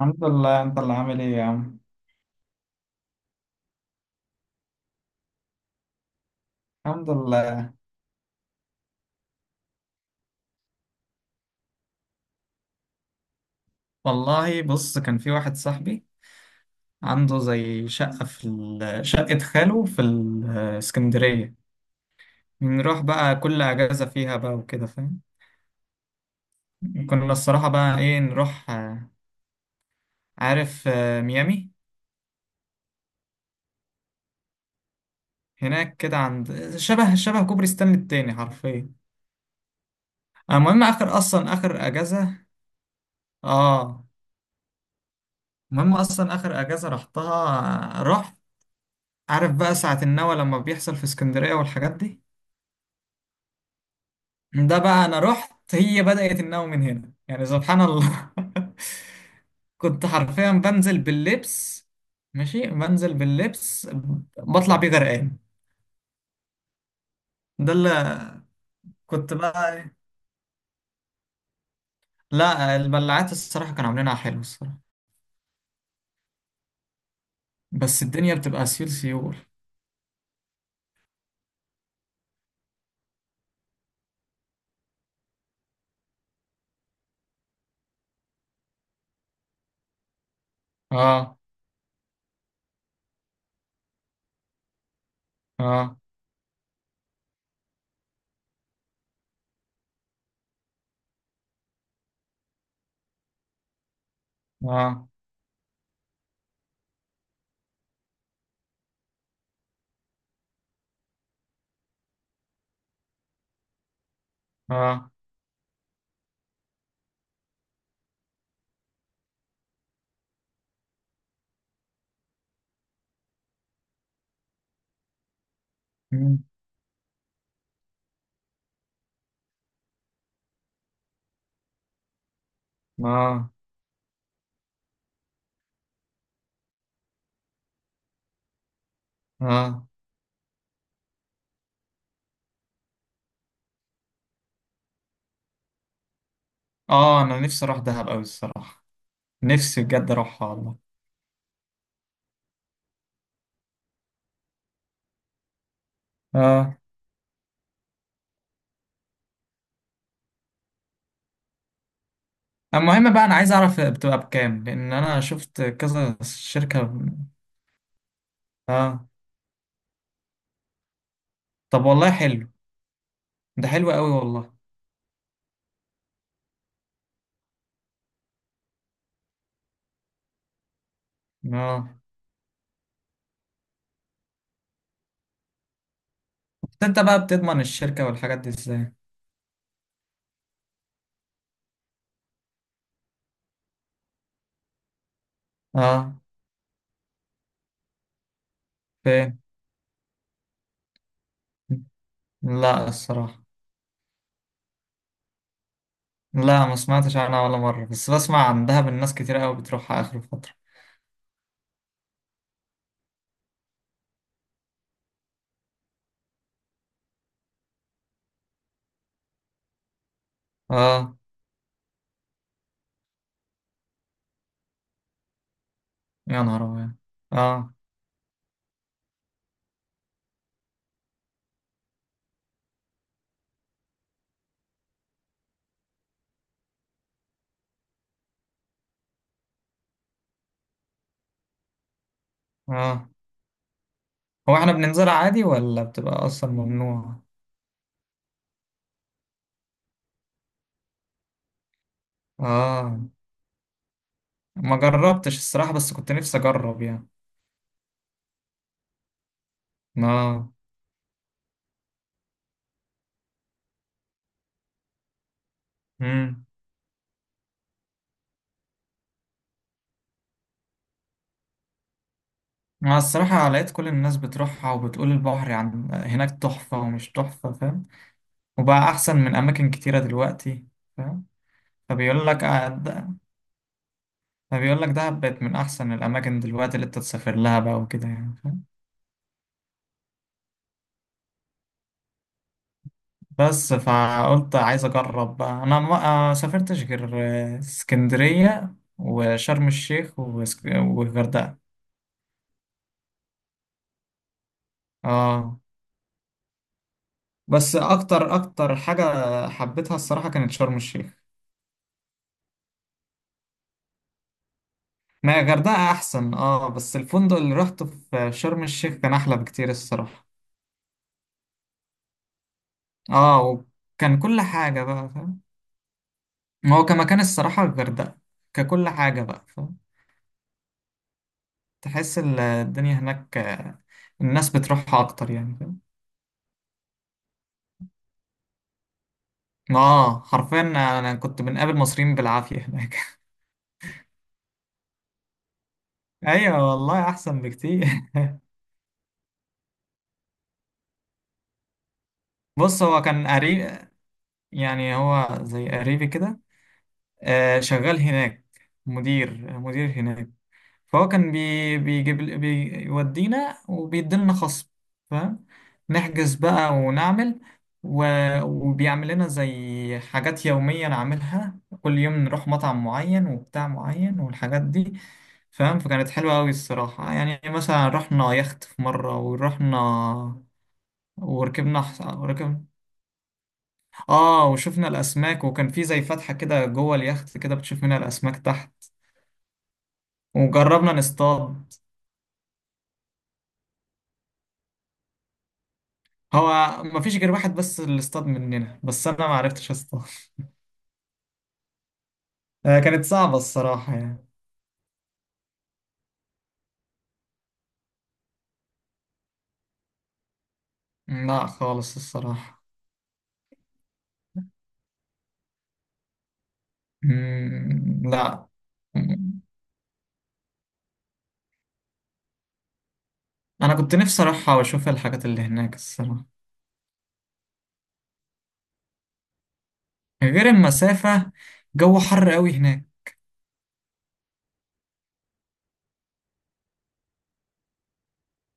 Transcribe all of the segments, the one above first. الحمد لله. انت اللي عامل ايه يا عم؟ الحمد لله. والله بص، كان في واحد صاحبي عنده زي شقة في شقة خاله في الإسكندرية، نروح بقى كل أجازة فيها بقى وكده فاهم. كنا الصراحة بقى ايه نروح عارف، ميامي. هناك كده عند شبه كوبري ستانلي التاني حرفيا. المهم آخر أصلا آخر أجازة. اه. المهم أصلا آخر أجازة رحتها، رحت. عارف بقى ساعة النوى لما بيحصل في اسكندرية والحاجات دي، ده بقى انا رحت هي بدأت النوم من هنا يعني سبحان الله. كنت حرفيا بنزل باللبس، ماشي بنزل باللبس، بطلع بيه غرقان. ده اللي كنت بقى لا، البلعات الصراحة كانوا عاملينها حلو الصراحة، بس الدنيا بتبقى سيول سيول. اه. اه. اه. اه. مم، اه. اه. اه. انا نفسي اروح دهب قوي الصراحة، نفسي بجد اروحها والله. اه. المهم بقى انا عايز اعرف بتبقى بكام، لان انا شفت كذا شركة. اه. طب والله حلو. ده حلو قوي والله. اه. بس انت بقى بتضمن الشركة والحاجات دي ازاي؟ اه. فين؟ لا الصراحة. لا ما سمعتش عنها ولا مرة، بس بسمع عن دهب الناس كتير قوي بتروحها اخر فترة. اه. يا نهار ابيض. اه. اه. هو احنا بننزلها عادي ولا بتبقى اصلا ممنوعة؟ اه. ما جربتش الصراحة، بس كنت نفسي اجرب يعني. اه. مم. مع الصراحة لقيت كل الناس بتروحها وبتقول البحر عن هناك تحفة ومش تحفة، فاهم؟ وبقى أحسن من أماكن كتيرة دلوقتي، فاهم؟ فبيقول لك فبيقول لك دهب بقت من أحسن الأماكن دلوقتي اللي أنت تسافر لها بقى وكده يعني، فاهم؟ بس فقلت عايز أجرب بقى. أنا ما سافرتش غير اسكندرية وشرم الشيخ والغردقة. آه. بس أكتر أكتر حاجة حبيتها الصراحة كانت شرم الشيخ. ما الغردقة أحسن أه، بس الفندق اللي روحته في شرم الشيخ كان أحلى بكتير الصراحة. أه، وكان كل حاجة بقى فاهم. هو كمكان الصراحة الغردقة، ككل حاجة بقى فاهم، تحس الدنيا هناك، الناس بتروحها أكتر يعني، فاهم؟ أه، حرفيا. أنا كنت بنقابل مصريين بالعافية هناك. أيوة والله، أحسن بكتير. بص، هو كان قريب، يعني هو زي قريبي كده، شغال هناك، مدير هناك، فهو كان بيجيب بيودينا وبيديلنا خصم، فاهم؟ نحجز بقى ونعمل و... وبيعمل لنا زي حاجات يومية نعملها كل يوم، نروح مطعم معين وبتاع معين والحاجات دي، فاهم؟ فكانت حلوة أوي الصراحة يعني. مثلا رحنا يخت في مرة ورحنا وركبنا وركب. اه، وشفنا الأسماك، وكان في زي فتحة كده جوه اليخت كده بتشوف منها الأسماك تحت، وجربنا نصطاد. هو ما فيش غير واحد بس اللي اصطاد مننا، بس انا ما عرفتش اصطاد. كانت صعبة الصراحة يعني. لا خالص الصراحة. مم، لا. مم. انا كنت نفسي اروحها واشوف الحاجات اللي هناك الصراحة. غير المسافة، جو حر قوي هناك.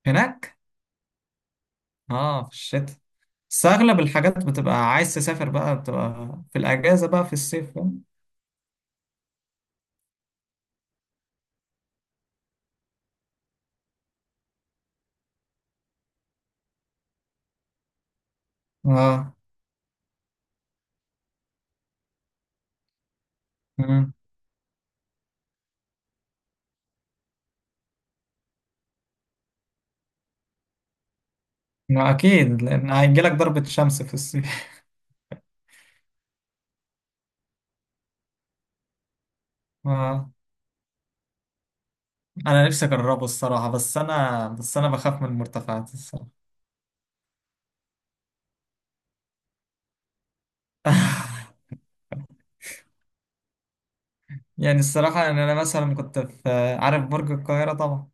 هناك. اه، في الشتاء، بس اغلب الحاجات بتبقى عايز تسافر بقى بتبقى في الاجازة بقى في الصيف، فاهم؟ اه. مم. ما اكيد، لان هيجيلك ضربة شمس في الصيف. اه، انا نفسي اجربه الصراحه، بس انا بخاف من المرتفعات الصراحه. يعني الصراحه يعني انا مثلا كنت في، عارف برج القاهره طبعا،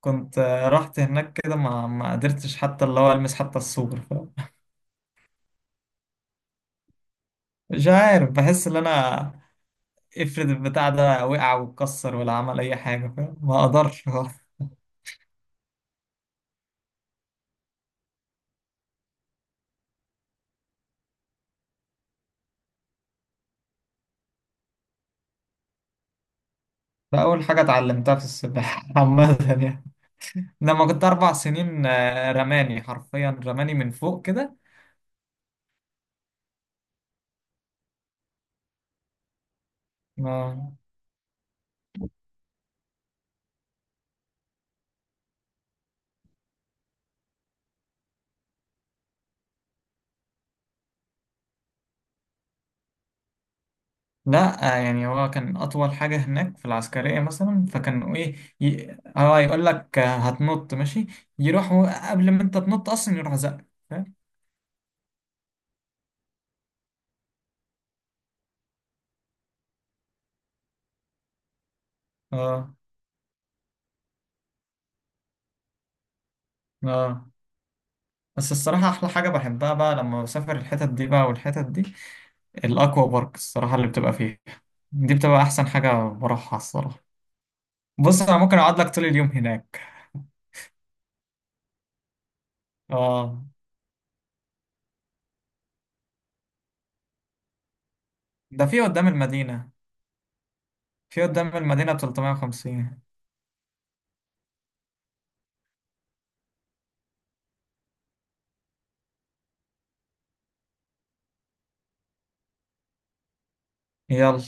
كنت رحت هناك كده، ما قدرتش حتى اللي هو حتى السور، فاهم؟ مش عارف، بحس ان انا افرض البتاع ده وقع واتكسر ولا عمل اي حاجه، فاهم؟ ما اقدرش. فاول حاجه اتعلمتها في السباحه عامه يعني، لما كنت 4 سنين، رماني حرفيا، رماني من فوق كده. لا يعني هو كان أطول حاجة هناك في العسكرية مثلا، فكانوا إيه، هو يقول لك هتنط ماشي، يروحوا قبل ما أنت تنط أصلا يروح زقك، فاهم؟ آه. آه. بس الصراحة أحلى حاجة بحبها بقى لما بسافر الحتت دي بقى والحتت دي، الأكوا بارك الصراحة اللي بتبقى فيه، دي بتبقى أحسن حاجة بروحها الصراحة. بص أنا ممكن أقعد لك طول اليوم هناك. آه. ده في قدام المدينة. في قدام المدينة ب 350. يلا.